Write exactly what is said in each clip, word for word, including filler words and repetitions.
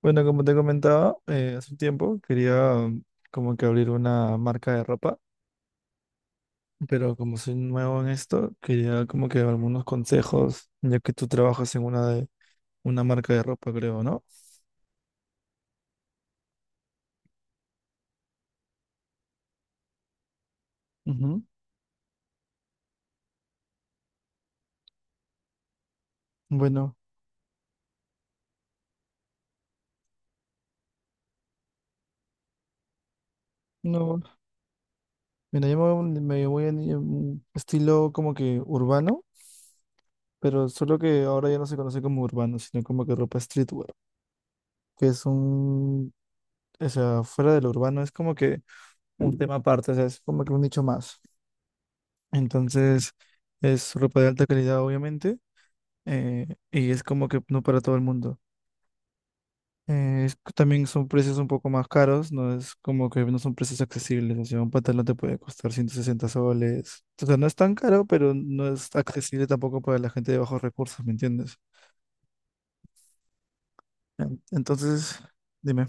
Bueno, como te comentaba, eh, hace un tiempo quería um, como que abrir una marca de ropa, pero como soy nuevo en esto, quería como que algunos consejos, ya que tú trabajas en una de una marca de ropa, creo, ¿no? Ujú. Bueno, no, mira, yo me, voy a un- me voy a ni- un estilo como que urbano, pero solo que ahora ya no se conoce como urbano, sino como que ropa streetwear, que es un, o sea, fuera de lo urbano es como que un tema aparte, o sea, es como que un nicho más. Entonces, es ropa de alta calidad, obviamente, eh, y es como que no para todo el mundo. Eh, es- también son precios un poco más caros, no es como que no son precios accesibles, o sea, un pantalón te puede costar ciento sesenta soles. O sea, no es tan caro, pero no es accesible tampoco para la gente de bajos recursos, ¿me entiendes? En- Entonces, dime.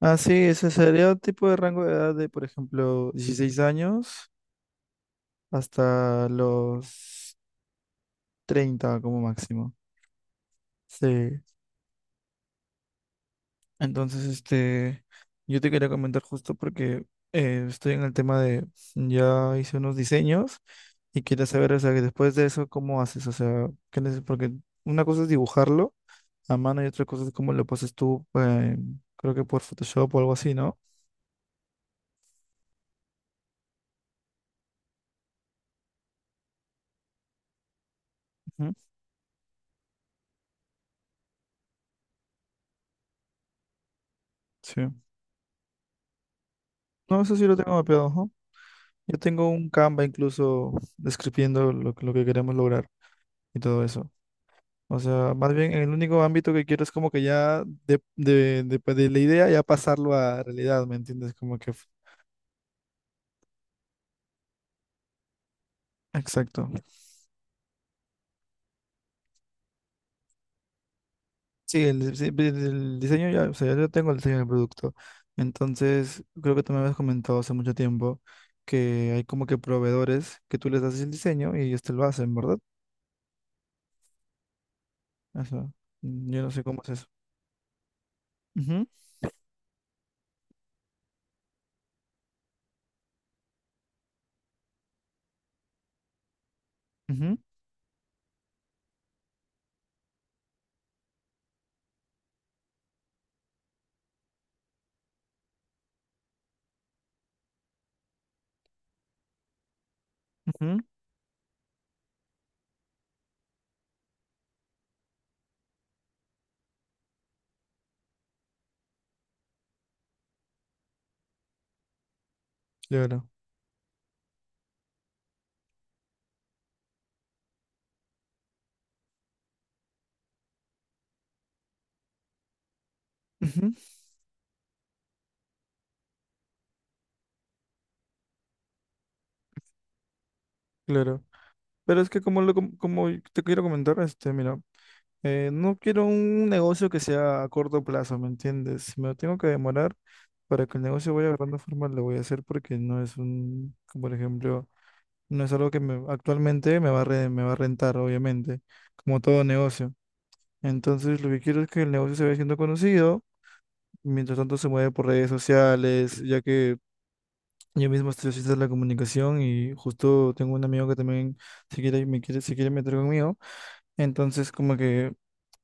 Ah, sí, ese sería un tipo de rango de edad de, por ejemplo, dieciséis años hasta los treinta como máximo. Sí. Entonces, este, yo te quería comentar justo porque eh, estoy en el tema de, ya hice unos diseños y quería saber, o sea, que después de eso, ¿cómo haces? O sea, ¿qué neces- porque una cosa es dibujarlo a mano y otra cosa es cómo lo pasas tú, eh, creo que por Photoshop o algo así, ¿no? Ujú. Sí. No, eso sí lo tengo mapeado, ajá. Yo tengo un Canva incluso describiendo lo, que- lo que queremos lograr y todo eso. O sea, más bien el único ámbito que quiero es como que ya de, de, de, pues, de la idea ya pasarlo a realidad, ¿me entiendes? Como que... f- Exacto. Sí, el, dise- el diseño ya, o sea, yo tengo el diseño del producto. Entonces, creo que tú me habías comentado hace mucho tiempo que hay como que proveedores que tú les das el diseño y ellos te lo hacen, ¿verdad? O sea, mm, yo no sé cómo es eso. Ujú, ujú, ujú. Claro. Ujú. Claro. Pero es que como, lo, com- como te quiero comentar, este, mira. Eh, no quiero un negocio que sea a corto plazo, ¿me entiendes? Si me lo tengo que demorar para que el negocio vaya agarrando forma, lo voy a hacer porque no es un, como por ejemplo, no es algo que me, actualmente me va a re- me va a rentar, obviamente, como todo negocio. Entonces, lo que quiero es que el negocio se vaya siendo conocido, mientras tanto se mueve por redes sociales, ya que yo mismo estoy haciendo la comunicación y justo tengo un amigo que también se quiere, me quiere, se quiere meter conmigo. Entonces, como que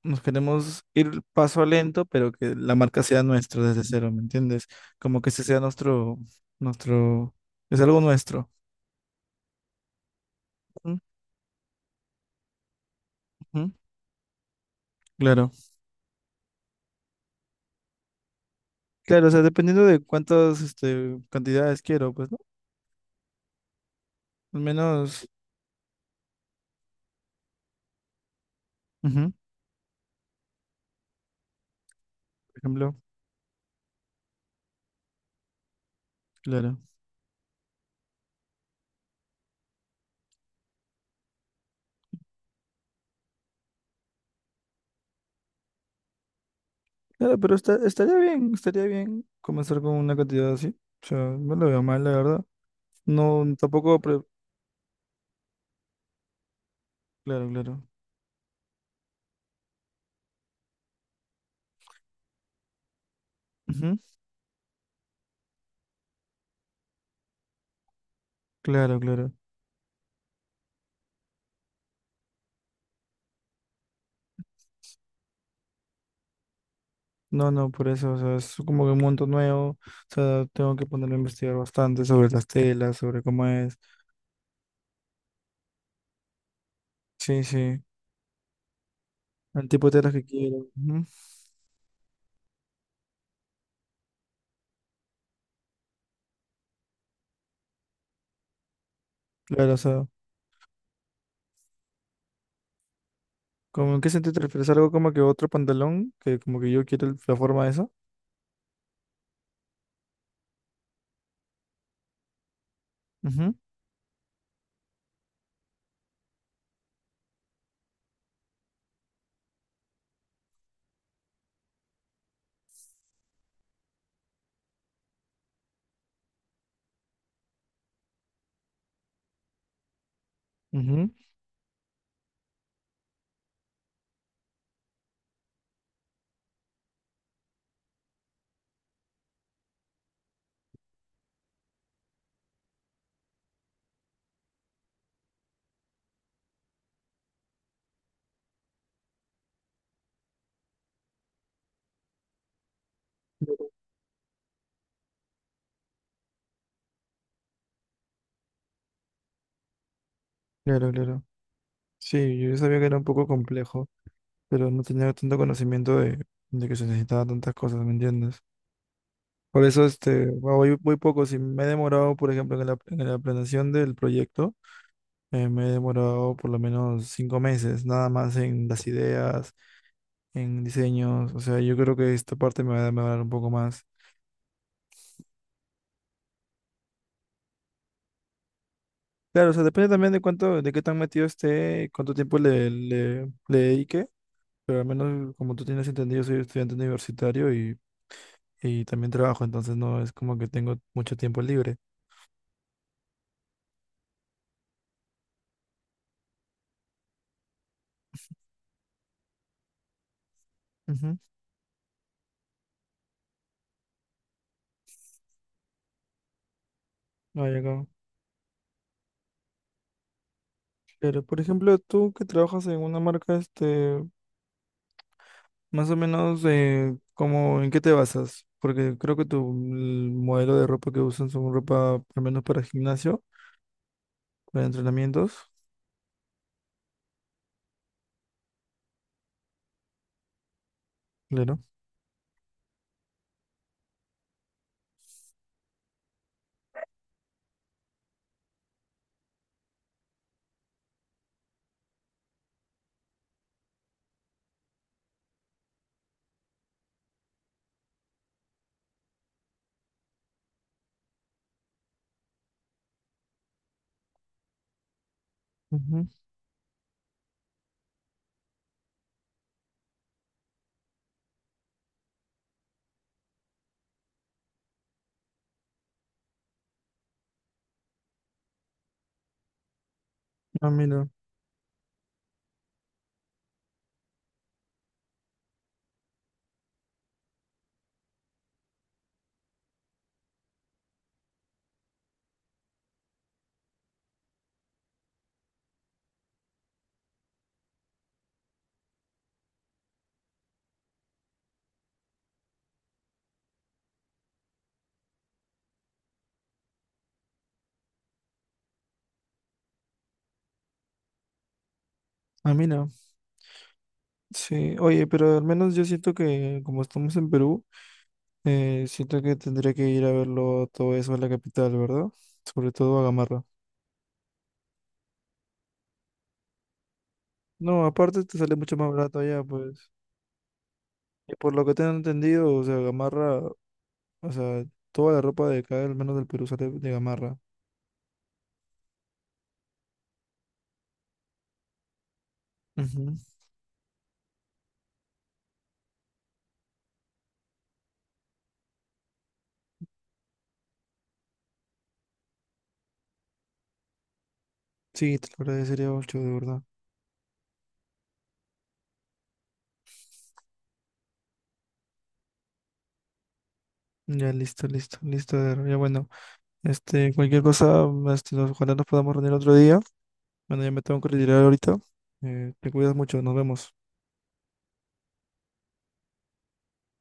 nos queremos ir paso a lento, pero que la marca sea nuestra desde cero, ¿me entiendes? Como que ese sea nuestro, nuestro, es algo nuestro. Ujú, ujú. Claro. Claro, o sea, dependiendo de cuántas, este, cantidades quiero, pues, ¿no? Al menos, ujú, por ejemplo, claro. Claro, pero está- estaría bien, estaría bien comenzar con una cantidad así. O sea, no lo veo mal, la verdad. No, tampoco, pre- claro, claro. Ujú. Claro, claro. No, no, por eso, o sea, es como que un mundo nuevo, o sea, tengo que ponerme a investigar bastante sobre las telas, sobre cómo es, sí, sí, el tipo de telas que quiero, ujú. Claro, o sea, como en qué sentido te refieres, algo como que otro pantalón, que como que yo quiero el- la forma de eso. Ujú, ujú. Claro, claro, sí, yo sabía que era un poco complejo, pero no tenía tanto conocimiento de, de que se necesitaban tantas cosas, ¿me entiendes? Por eso, este, voy, voy poco, si me he demorado, por ejemplo, en la, en la planeación del proyecto. Eh, me he demorado por lo menos cinco meses, nada más en las ideas, en diseños. O sea, yo creo que esta parte me va a demorar un poco más. Claro, o sea, depende también de cuánto, de qué tan metido esté, cuánto tiempo le, le, le dedique. Pero al menos, como tú tienes entendido, soy estudiante universitario y, y también trabajo, entonces no es como que tengo mucho tiempo libre. Ujú. No, ya acabo. Pero, por ejemplo, tú que trabajas en una marca, este, más o menos, eh, como, ¿en qué te basas? Porque creo que tu el modelo de ropa que usan son ropa, al menos para gimnasio, para entrenamientos. Claro. Ujú. Ah, mira. Ah, mira. Sí. Oye, pero al menos yo siento que, como estamos en Perú, eh, siento que tendría que ir a verlo todo eso en la capital, ¿verdad? Sobre todo a Gamarra. No, aparte te sale mucho más barato allá, pues. Y por lo que tengo entendido, o sea, Gamarra, o sea, toda la ropa de acá, al menos del Perú, sale de Gamarra. Ujú. Sí, te lo agradecería mucho, de verdad. Ya, listo, listo, listo. Eder. Ya, bueno, este, cualquier cosa, este, nos- ojalá nos podamos reunir otro día. Bueno, ya me tengo que retirar ahorita. Eh, te cuidas mucho, nos vemos.